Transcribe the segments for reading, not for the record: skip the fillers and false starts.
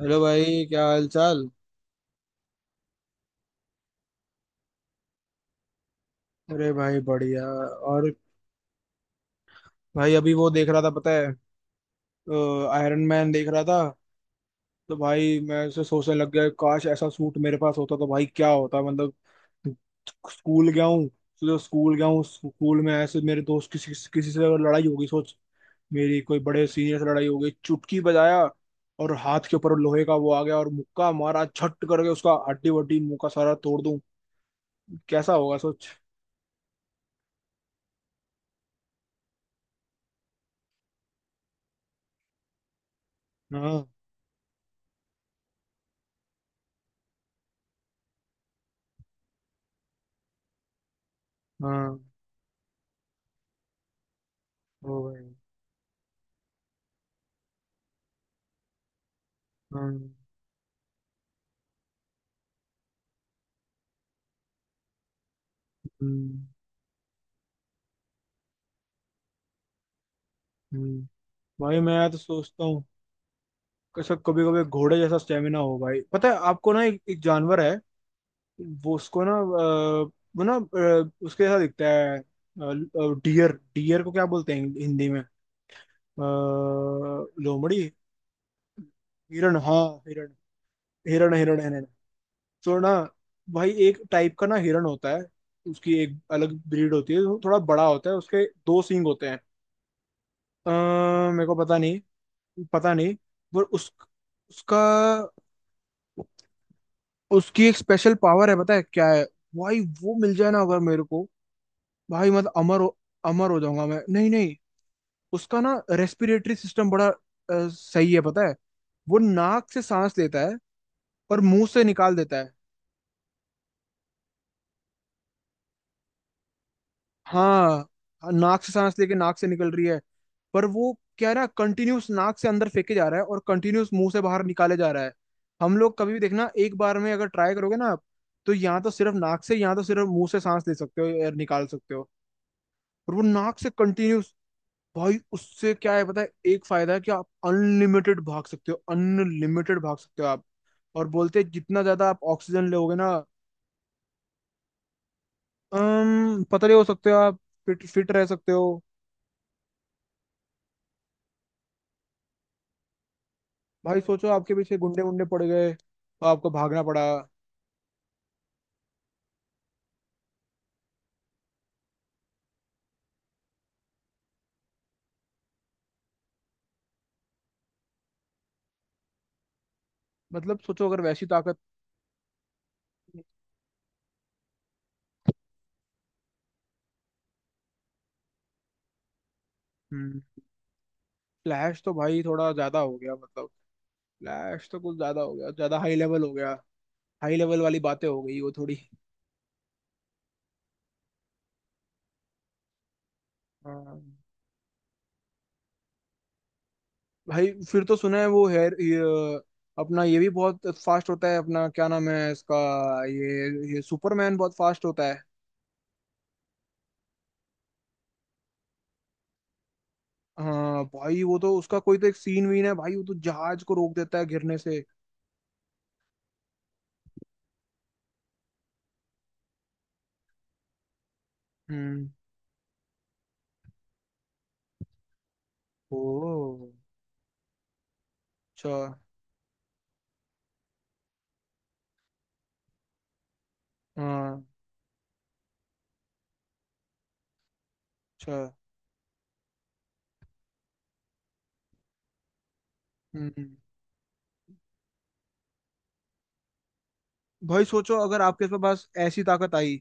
Hello भाई, क्या हाल चाल। अरे भाई, बढ़िया। और भाई, अभी वो देख रहा था पता है, आयरन मैन देख रहा था। तो भाई, मैं उसे सोचने लग गया, काश ऐसा सूट मेरे पास होता तो भाई क्या होता, मतलब स्कूल गया हूँ। तो स्कूल गया हूँ, स्कूल में ऐसे मेरे दोस्त किसी किसी से अगर लड़ाई होगी, सोच। मेरी कोई बड़े सीनियर से लड़ाई हो गई, चुटकी बजाया और हाथ के ऊपर लोहे का वो आ गया और मुक्का मारा छट करके उसका हड्डी वड्डी मुंह का सारा तोड़ दूं, कैसा होगा सोच। हाँ। हाँ। ओ भाई। हम्म। हम्म। हम्म। भाई, मैं तो सोचता हूँ, कैसा कभी कभी घोड़े जैसा स्टेमिना हो भाई। पता है आपको ना, एक, एक जानवर है, वो उसको ना वो ना उसके जैसा दिखता है। डियर, डियर को क्या बोलते हैं हिंदी में? अ, लोमड़ी। हिरण, हाँ। हिरण। हिरण हिरण हिरण। तो ना, भाई एक टाइप का ना हिरण होता है। उसकी एक अलग ब्रीड होती है, वो थोड़ा बड़ा होता है, उसके दो सींग होते हैं। मेरे को पता नहीं। पता नहीं। पर उस, उसका, उसकी एक स्पेशल पावर है पता है क्या है। भाई वो मिल जाए ना अगर मेरे को, भाई मतलब अमर हो, अमर हो जाऊंगा मैं। नहीं नहीं, उसका ना रेस्पिरेटरी सिस्टम बड़ा सही है पता है। वो नाक से सांस लेता है और मुंह से निकाल देता है। हाँ। हाँ, नाक से सांस लेके नाक से निकल रही है, पर वो क्या है ना, कंटिन्यूस नाक से अंदर फेंके जा रहा है और कंटिन्यूस मुंह से बाहर निकाले जा रहा है। हम लोग कभी भी देखना, एक बार में अगर ट्राई करोगे ना आप, तो या तो सिर्फ नाक से या तो सिर्फ मुंह से सांस ले सकते हो, एयर निकाल सकते हो। और वो नाक से कंटिन्यूस। भाई उससे क्या है पता है, एक फायदा है कि आप अनलिमिटेड भाग सकते हो, अनलिमिटेड भाग सकते हो आप। और बोलते हैं जितना ज्यादा आप ऑक्सीजन लोगे ना, पतले हो सकते हो आप, फिट फिट रह सकते हो। भाई सोचो आपके पीछे गुंडे गुंडे पड़ गए तो आपको भागना पड़ा। मतलब सोचो अगर वैसी ताकत। हम्म। फ्लैश तो भाई थोड़ा ज्यादा हो गया, मतलब फ्लैश तो कुछ ज्यादा हो गया, ज्यादा हाई लेवल हो गया। हाई लेवल वाली बातें हो गई वो थोड़ी। हाँ। भाई फिर तो सुना है वो अपना ये भी बहुत फास्ट होता है अपना, क्या नाम है इसका, ये सुपरमैन बहुत फास्ट होता है। हाँ भाई, वो तो उसका कोई तो एक सीन वीन है भाई, वो तो जहाज को रोक देता है गिरने से। हम्म। ओ। अच्छा। हाँ। अच्छा। हम्म। भाई सोचो अगर आपके पास ऐसी ताकत आई,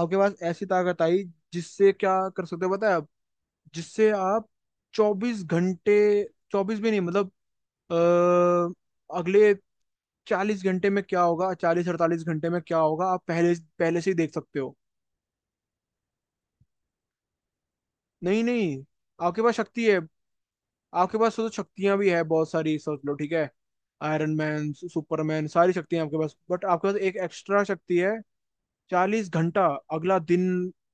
आपके पास ऐसी ताकत आई जिससे क्या कर सकते हो पता है आप, जिससे आप 24 घंटे, 24 भी नहीं, मतलब अ, अगले 40 घंटे में क्या होगा, 40 48 घंटे में क्या होगा आप पहले पहले से ही देख सकते हो। नहीं नहीं, आपके पास शक्ति है। आपके पास तो शक्तियां भी है बहुत सारी, सोच लो ठीक है। आयरन मैन, सुपरमैन, सारी शक्तियां आपके पास, बट आपके पास एक एक्स्ट्रा शक्ति है। 40 घंटा, अगला दिन,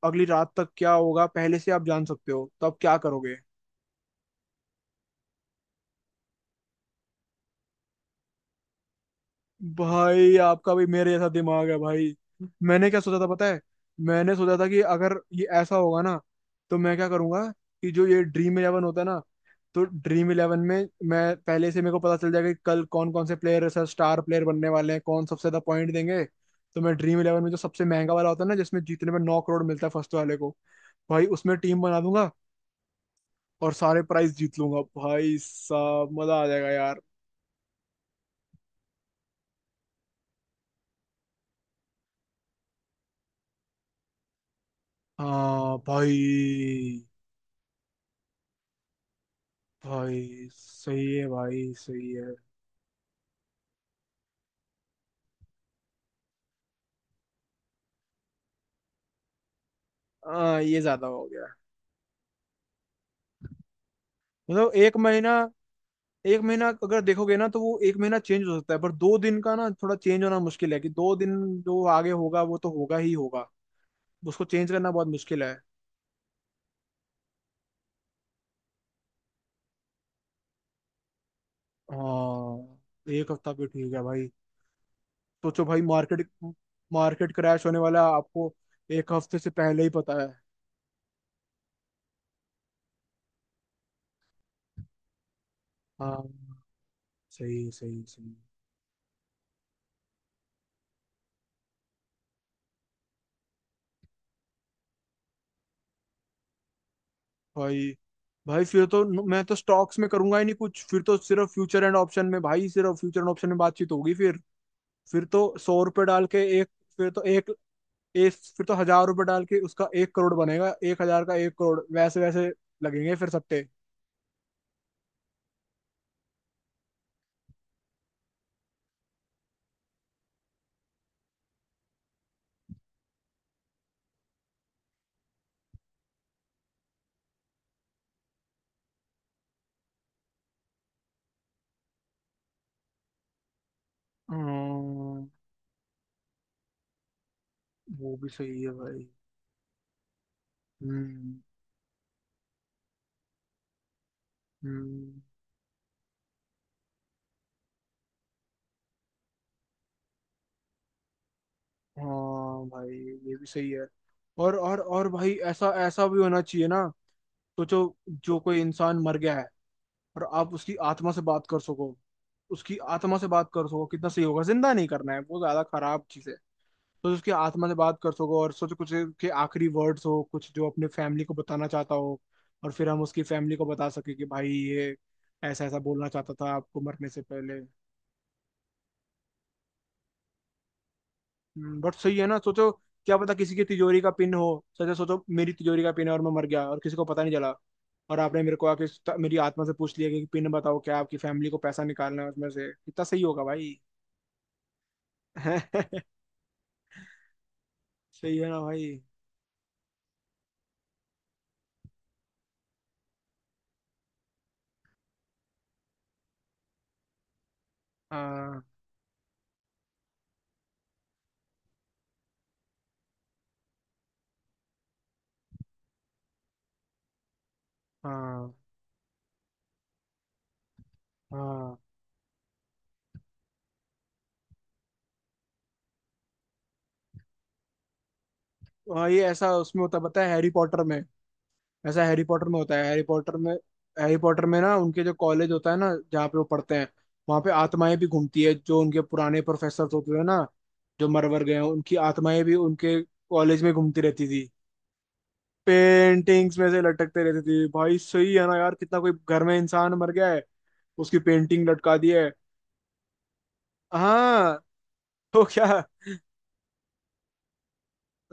अगली रात तक क्या होगा पहले से आप जान सकते हो, तो आप क्या करोगे? भाई, आपका भी मेरे जैसा दिमाग है भाई। मैंने क्या सोचा था पता है, मैंने सोचा था कि अगर ये ऐसा होगा ना तो मैं क्या करूंगा, कि जो ये ड्रीम इलेवन होता है ना, तो ड्रीम इलेवन में मैं पहले से मेरे को पता चल जाएगा कि कल कौन कौन से प्लेयर, सर, स्टार प्लेयर बनने वाले हैं, कौन सबसे ज्यादा पॉइंट देंगे। तो मैं ड्रीम इलेवन में जो सबसे महंगा वाला होता है ना, जिसमें जीतने में 9 करोड़ मिलता है फर्स्ट वाले को, भाई उसमें टीम बना दूंगा और सारे प्राइज जीत लूंगा भाई साहब, मजा आ जाएगा यार। हाँ भाई। भाई सही है, भाई सही है। हाँ, ये ज्यादा हो गया, मतलब एक महीना। एक महीना अगर देखोगे ना तो वो एक महीना चेंज हो सकता है, पर 2 दिन का ना थोड़ा चेंज होना मुश्किल है, कि 2 दिन जो आगे होगा वो तो होगा ही होगा, उसको चेंज करना बहुत मुश्किल है। हाँ। एक हफ्ता भी ठीक है भाई। सोचो भाई, मार्केट, मार्केट क्रैश होने वाला है, आपको एक हफ्ते से पहले ही पता है। हाँ, सही सही सही भाई। भाई फिर तो मैं तो स्टॉक्स में करूंगा ही नहीं कुछ, फिर तो सिर्फ फ्यूचर एंड ऑप्शन में भाई, सिर्फ फ्यूचर एंड ऑप्शन में बातचीत होगी फिर। फिर तो 100 रुपये डाल के एक, फिर तो एक फिर तो 1,000 रुपये डाल के उसका 1 करोड़ बनेगा, 1,000 का 1 करोड़ वैसे वैसे लगेंगे फिर सट्टे। हम्म। वो भी सही है भाई। हम्म। हम्म। हाँ भाई, ये भी सही है। और भाई ऐसा ऐसा भी होना चाहिए ना। सोचो, जो कोई इंसान मर गया है और आप उसकी आत्मा से बात कर सको, उसकी आत्मा से बात कर सको कितना सही होगा। जिंदा नहीं करना है, वो ज्यादा खराब चीज है। तो उसकी आत्मा से बात कर सको और सोचो कुछ के आखिरी वर्ड्स हो, कुछ जो अपने फैमिली को बताना चाहता हो, और फिर हम उसकी फैमिली को बता सके कि भाई ये ऐसा ऐसा बोलना चाहता था आपको मरने से पहले। बट सही है ना, सोचो। क्या पता किसी की तिजोरी का पिन हो। सोचो, सोचो मेरी तिजोरी का पिन है और मैं मर गया और किसी को पता नहीं चला, और आपने मेरे को आके मेरी आत्मा से पूछ लिया कि पिन बताओ, क्या आपकी फैमिली को पैसा निकालना है उसमें से, कितना सही होगा भाई। सही है ना भाई। हाँ, हाँ, हाँ। भाई ऐसा उसमें होता पता है, हैरी पॉटर में, ऐसा हैरी पॉटर में होता है, हैरी पॉटर में। हैरी पॉटर में ना उनके जो कॉलेज होता है ना, जहाँ पे वो पढ़ते हैं, वहाँ पे आत्माएं भी घूमती है, जो उनके पुराने प्रोफेसर होते थे ना, जो मरवर गए हैं उनकी आत्माएं भी उनके कॉलेज में घूमती रहती थी। पेंटिंग्स में से लटकते रहती थी भाई, सही है ना यार, कितना कोई घर में इंसान मर गया है, उसकी पेंटिंग लटका दी है। हाँ, तो क्या।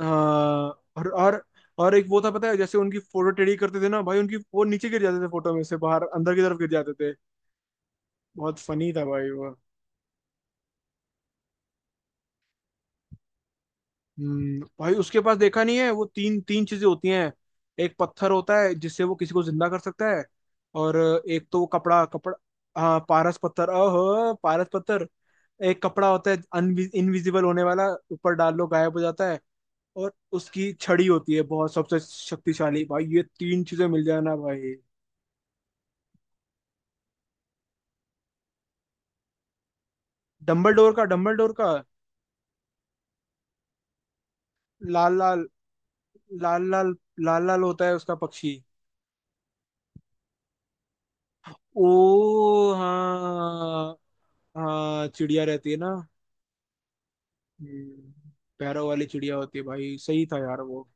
हाँ, और एक वो था पता है, जैसे उनकी फोटो टेढ़ी करते थे ना भाई, उनकी वो नीचे गिर जाते थे, फोटो में से बाहर अंदर की तरफ गिर जाते थे, बहुत फनी था भाई वो। हम्म। भाई उसके पास देखा नहीं है, वो तीन तीन चीजें होती हैं। एक पत्थर होता है जिससे वो किसी को जिंदा कर सकता है, और एक तो वो कपड़ा कपड़ा हाँ, पारस पत्थर, ओहो पारस पत्थर। एक कपड़ा होता है, इनविजिबल होने वाला, ऊपर डाल लो गायब हो जाता है। और उसकी छड़ी होती है बहुत सबसे शक्तिशाली, भाई ये तीन चीजें मिल जाए ना भाई। डंबलडोर का। लाल लाल, लाल लाल, लाल लाल होता है उसका पक्षी। ओ हाँ। हाँ, चिड़िया रहती है ना। हम्म। पैरों वाली चिड़िया होती है भाई, सही था यार वो।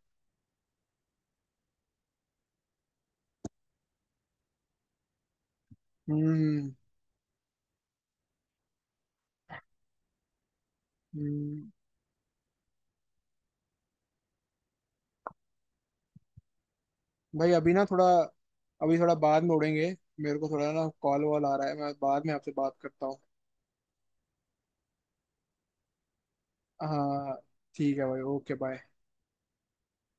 हम्म। हम्म। भाई अभी थोड़ा बाद में उड़ेंगे। मेरे को थोड़ा ना कॉल वॉल आ रहा है, मैं बाद में आपसे बात करता हूँ। हाँ। ठीक है भाई, ओके बाय।